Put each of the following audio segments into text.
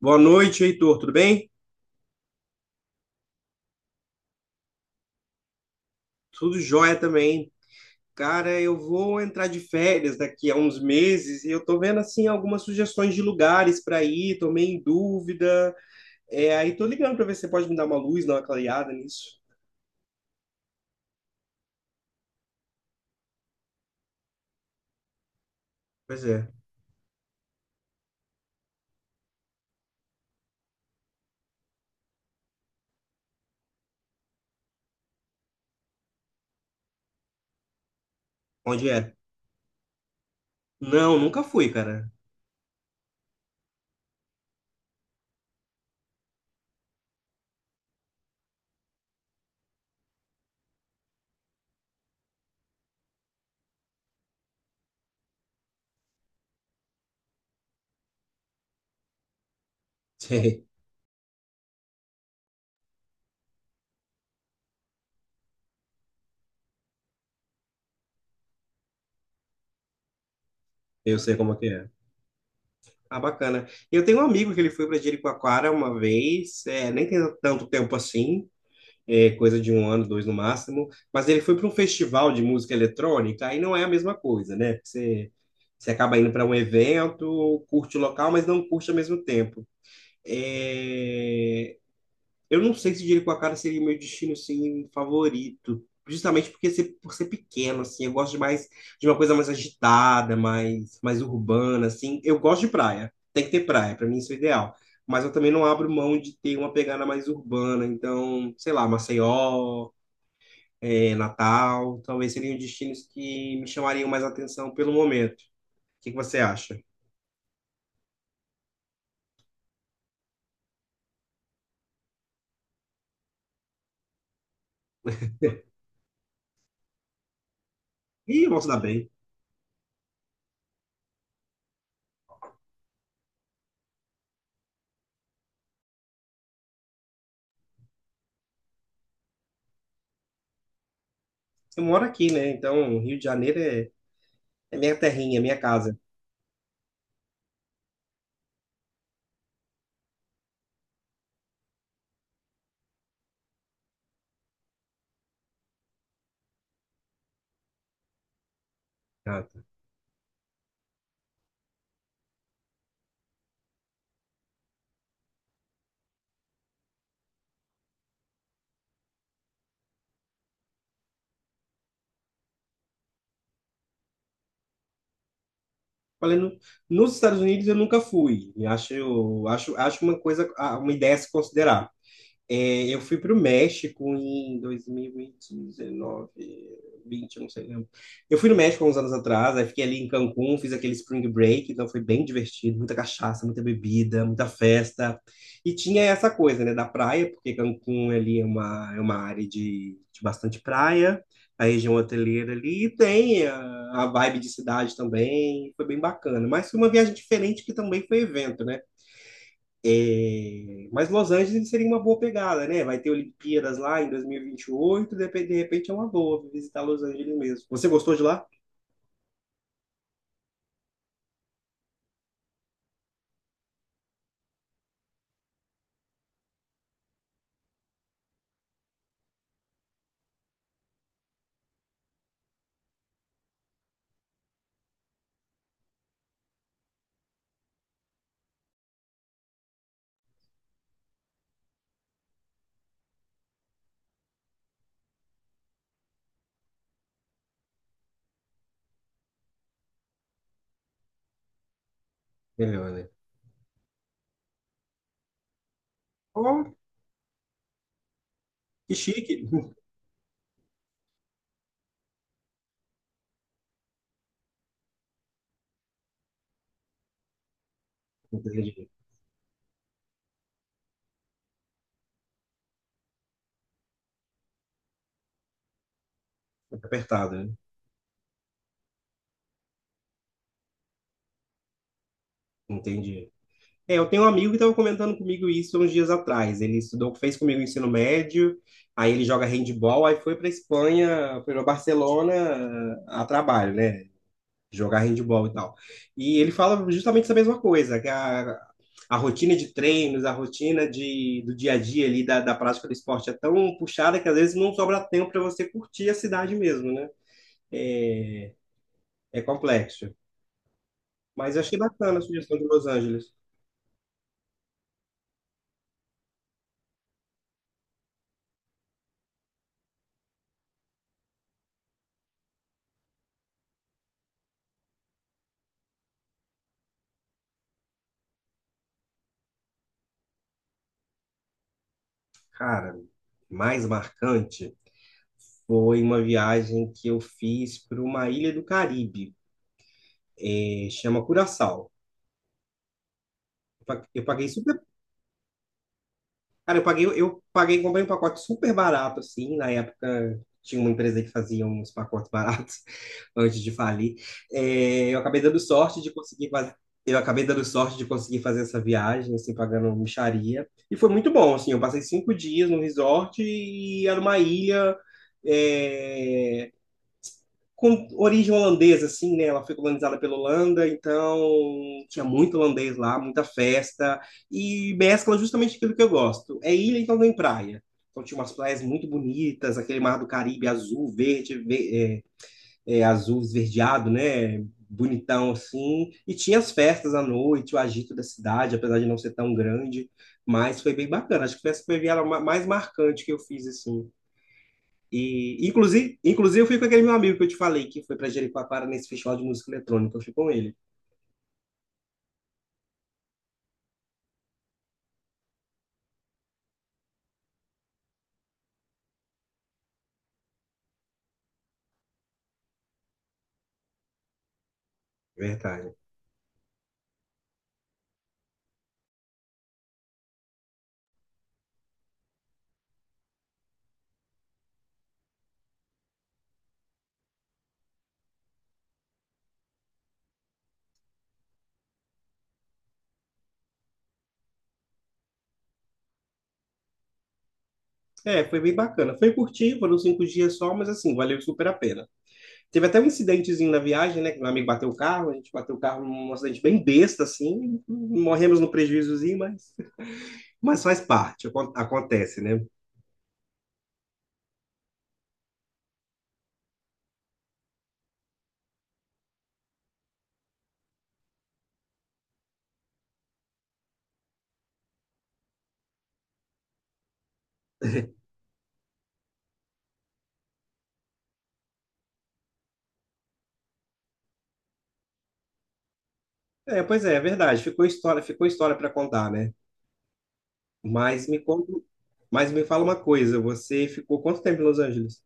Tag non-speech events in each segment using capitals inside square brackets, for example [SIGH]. Boa noite, Heitor. Tudo bem? Tudo jóia também. Cara, eu vou entrar de férias daqui a uns meses e eu tô vendo assim algumas sugestões de lugares para ir, tô meio em dúvida. É, aí tô ligando para ver se você pode me dar uma luz, dar uma clareada nisso. Pois é. Onde é? Não, nunca fui, cara. [LAUGHS] Sei, eu sei como é que é. Ah, bacana. Eu tenho um amigo que ele foi para Jericoacoara uma vez, nem tem tanto tempo assim. É, coisa de um ano, dois no máximo, mas ele foi para um festival de música eletrônica, aí não é a mesma coisa, né? Você acaba indo para um evento, curte o local, mas não curte ao mesmo tempo. É, eu não sei se Dinheiro com a Cara seria meu destino, assim, favorito. Justamente porque por ser pequeno, assim, eu gosto de mais de uma coisa mais agitada, mais urbana, assim. Eu gosto de praia. Tem que ter praia, pra mim isso é o ideal. Mas eu também não abro mão de ter uma pegada mais urbana. Então, sei lá, Maceió, Natal, talvez seriam destinos que me chamariam mais atenção pelo momento. O que que você acha? Ih, eu posso dar bem. Eu moro aqui, né? Então, Rio de Janeiro é minha terrinha, minha casa. Ah. Falei, nos Estados Unidos eu nunca fui. E acho uma coisa, uma ideia a se considerar. É, eu fui para o México em 2019, 20, eu não sei, lembro. Eu fui no México há uns anos atrás, aí fiquei ali em Cancún, fiz aquele spring break, então foi bem divertido, muita cachaça, muita bebida, muita festa. E tinha essa coisa, né, da praia, porque Cancún ali é uma área de bastante praia, a região hoteleira ali, e tem a vibe de cidade também, foi bem bacana. Mas foi uma viagem diferente que também foi evento, né? Mas Los Angeles seria uma boa pegada, né? Vai ter Olimpíadas lá em 2028, de repente é uma boa visitar Los Angeles mesmo. Você gostou de lá? Melhor, né? Oh, que chique. [LAUGHS] Entendi. Muito apertado, né? Entendi. É, eu tenho um amigo que estava comentando comigo isso uns dias atrás. Ele estudou, fez comigo o ensino médio, aí ele joga handball, aí foi para Espanha, foi para Barcelona a trabalho, né? Jogar handball e tal. E ele fala justamente essa mesma coisa, que a rotina de treinos, a rotina de, do dia a dia ali, da prática do esporte é tão puxada que às vezes não sobra tempo para você curtir a cidade mesmo, né? É, é complexo. Mas eu achei bacana a sugestão de Los Angeles. Cara, mais marcante foi uma viagem que eu fiz para uma ilha do Caribe, chama Curaçao. Eu pa- eu paguei super Cara, eu paguei, comprei um pacote super barato, assim, na época tinha uma empresa que fazia uns pacotes baratos [LAUGHS] antes de falir. É, eu acabei dando sorte de conseguir fazer essa viagem, assim, pagando mixaria. E foi muito bom, assim, eu passei 5 dias no resort e era uma ilha, é, com origem holandesa, assim, né? Ela foi colonizada pela Holanda, então tinha muito holandês lá, muita festa, e mescla justamente aquilo que eu gosto. É ilha, então tem praia. Então tinha umas praias muito bonitas, aquele mar do Caribe azul, verde, azul esverdeado, né? Bonitão assim. E tinha as festas à noite, o agito da cidade, apesar de não ser tão grande, mas foi bem bacana. Acho que foi essa foi a viagem mais marcante que eu fiz, assim. E, inclusive, eu fui com aquele meu amigo que eu te falei, que foi para Jericoacoara nesse festival de música eletrônica. Eu fui com ele. Verdade. É, foi bem bacana. Foi curtinho, foram 5 dias só, mas assim, valeu super a pena. Teve até um incidentezinho na viagem, né? Que meu amigo bateu o carro, a gente bateu o carro num acidente bem besta, assim. Morremos no prejuízozinho, mas faz parte, acontece, né? [LAUGHS] É, pois é, é verdade. Ficou história para contar, né? Mas me conta, mas me fala uma coisa, você ficou quanto tempo em Los Angeles?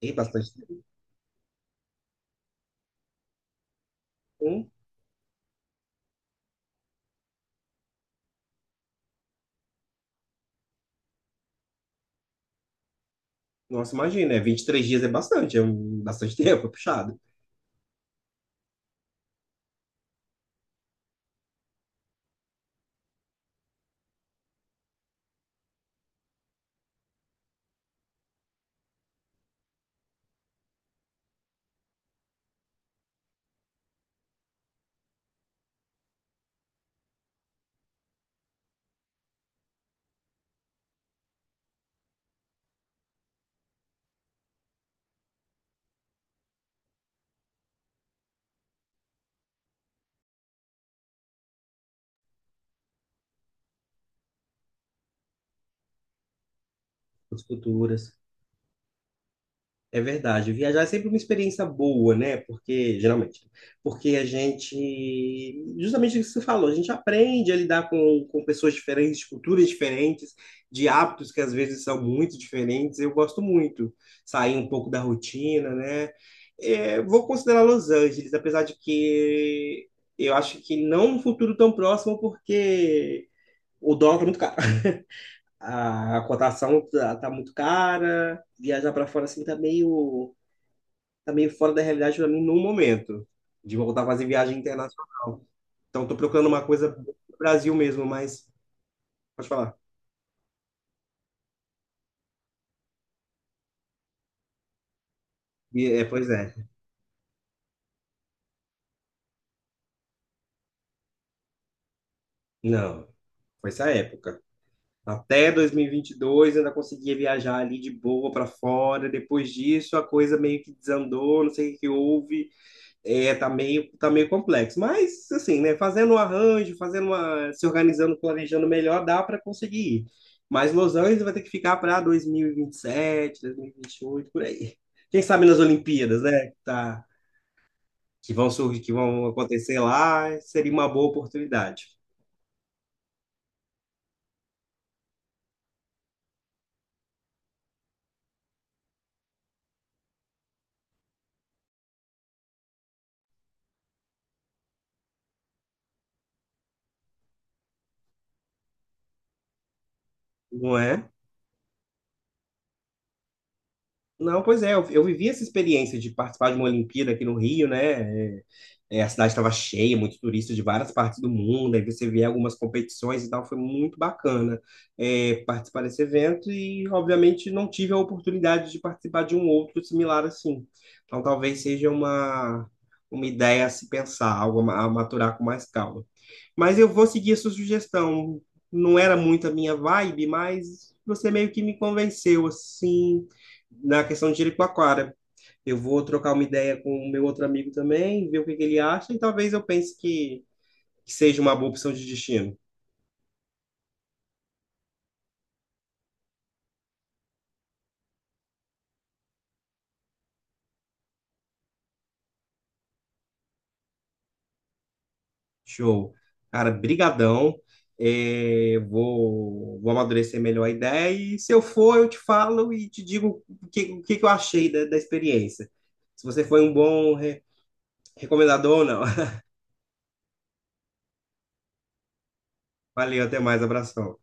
Ei, bastante tempo. Nossa, imagina, é 23 dias é bastante, bastante [LAUGHS] tempo, é puxado. As culturas. É verdade, viajar é sempre uma experiência boa, né? Porque, geralmente, porque a gente, justamente o que você falou, a gente aprende a lidar com pessoas diferentes, de culturas diferentes, de hábitos que às vezes são muito diferentes. Eu gosto muito sair um pouco da rotina, né? É, vou considerar Los Angeles, apesar de que eu acho que não um futuro tão próximo, porque o dólar tá muito caro. [LAUGHS] A cotação tá muito cara, viajar para fora assim tá meio, fora da realidade para mim no momento, de voltar a fazer viagem internacional. Então tô procurando uma coisa no Brasil mesmo, mas pode falar. E, é, pois é. Não, foi essa época. Até 2022 ainda conseguia viajar ali de boa para fora. Depois disso a coisa meio que desandou, não sei o que que houve. É, tá meio complexo, mas assim, né, fazendo um arranjo, se organizando, planejando melhor, dá para conseguir ir. Mas Los Angeles vai ter que ficar para dois mil e vinte e sete, dois mil e vinte sete e oito por aí. Quem sabe nas Olimpíadas, né, que vão surgir, que vão acontecer lá, seria uma boa oportunidade, não é? Não, pois é, eu vivi essa experiência de participar de uma Olimpíada aqui no Rio, né? A cidade estava cheia, muito turista de várias partes do mundo, aí você vê algumas competições e tal, foi muito bacana participar desse evento e, obviamente, não tive a oportunidade de participar de um outro similar assim. Então, talvez seja uma ideia a se pensar, algo a maturar com mais calma. Mas eu vou seguir a sua sugestão. Não era muito a minha vibe, mas você meio que me convenceu, assim, na questão de Jericoacoara. Eu vou trocar uma ideia com o meu outro amigo também, ver o que que ele acha, e talvez eu pense que seja uma boa opção de destino. Show. Cara, brigadão. É, vou amadurecer melhor a ideia e se eu for, eu te falo e te digo o que, que eu achei da experiência. Se você foi um bom recomendador ou não. [LAUGHS] Valeu, até mais, abração.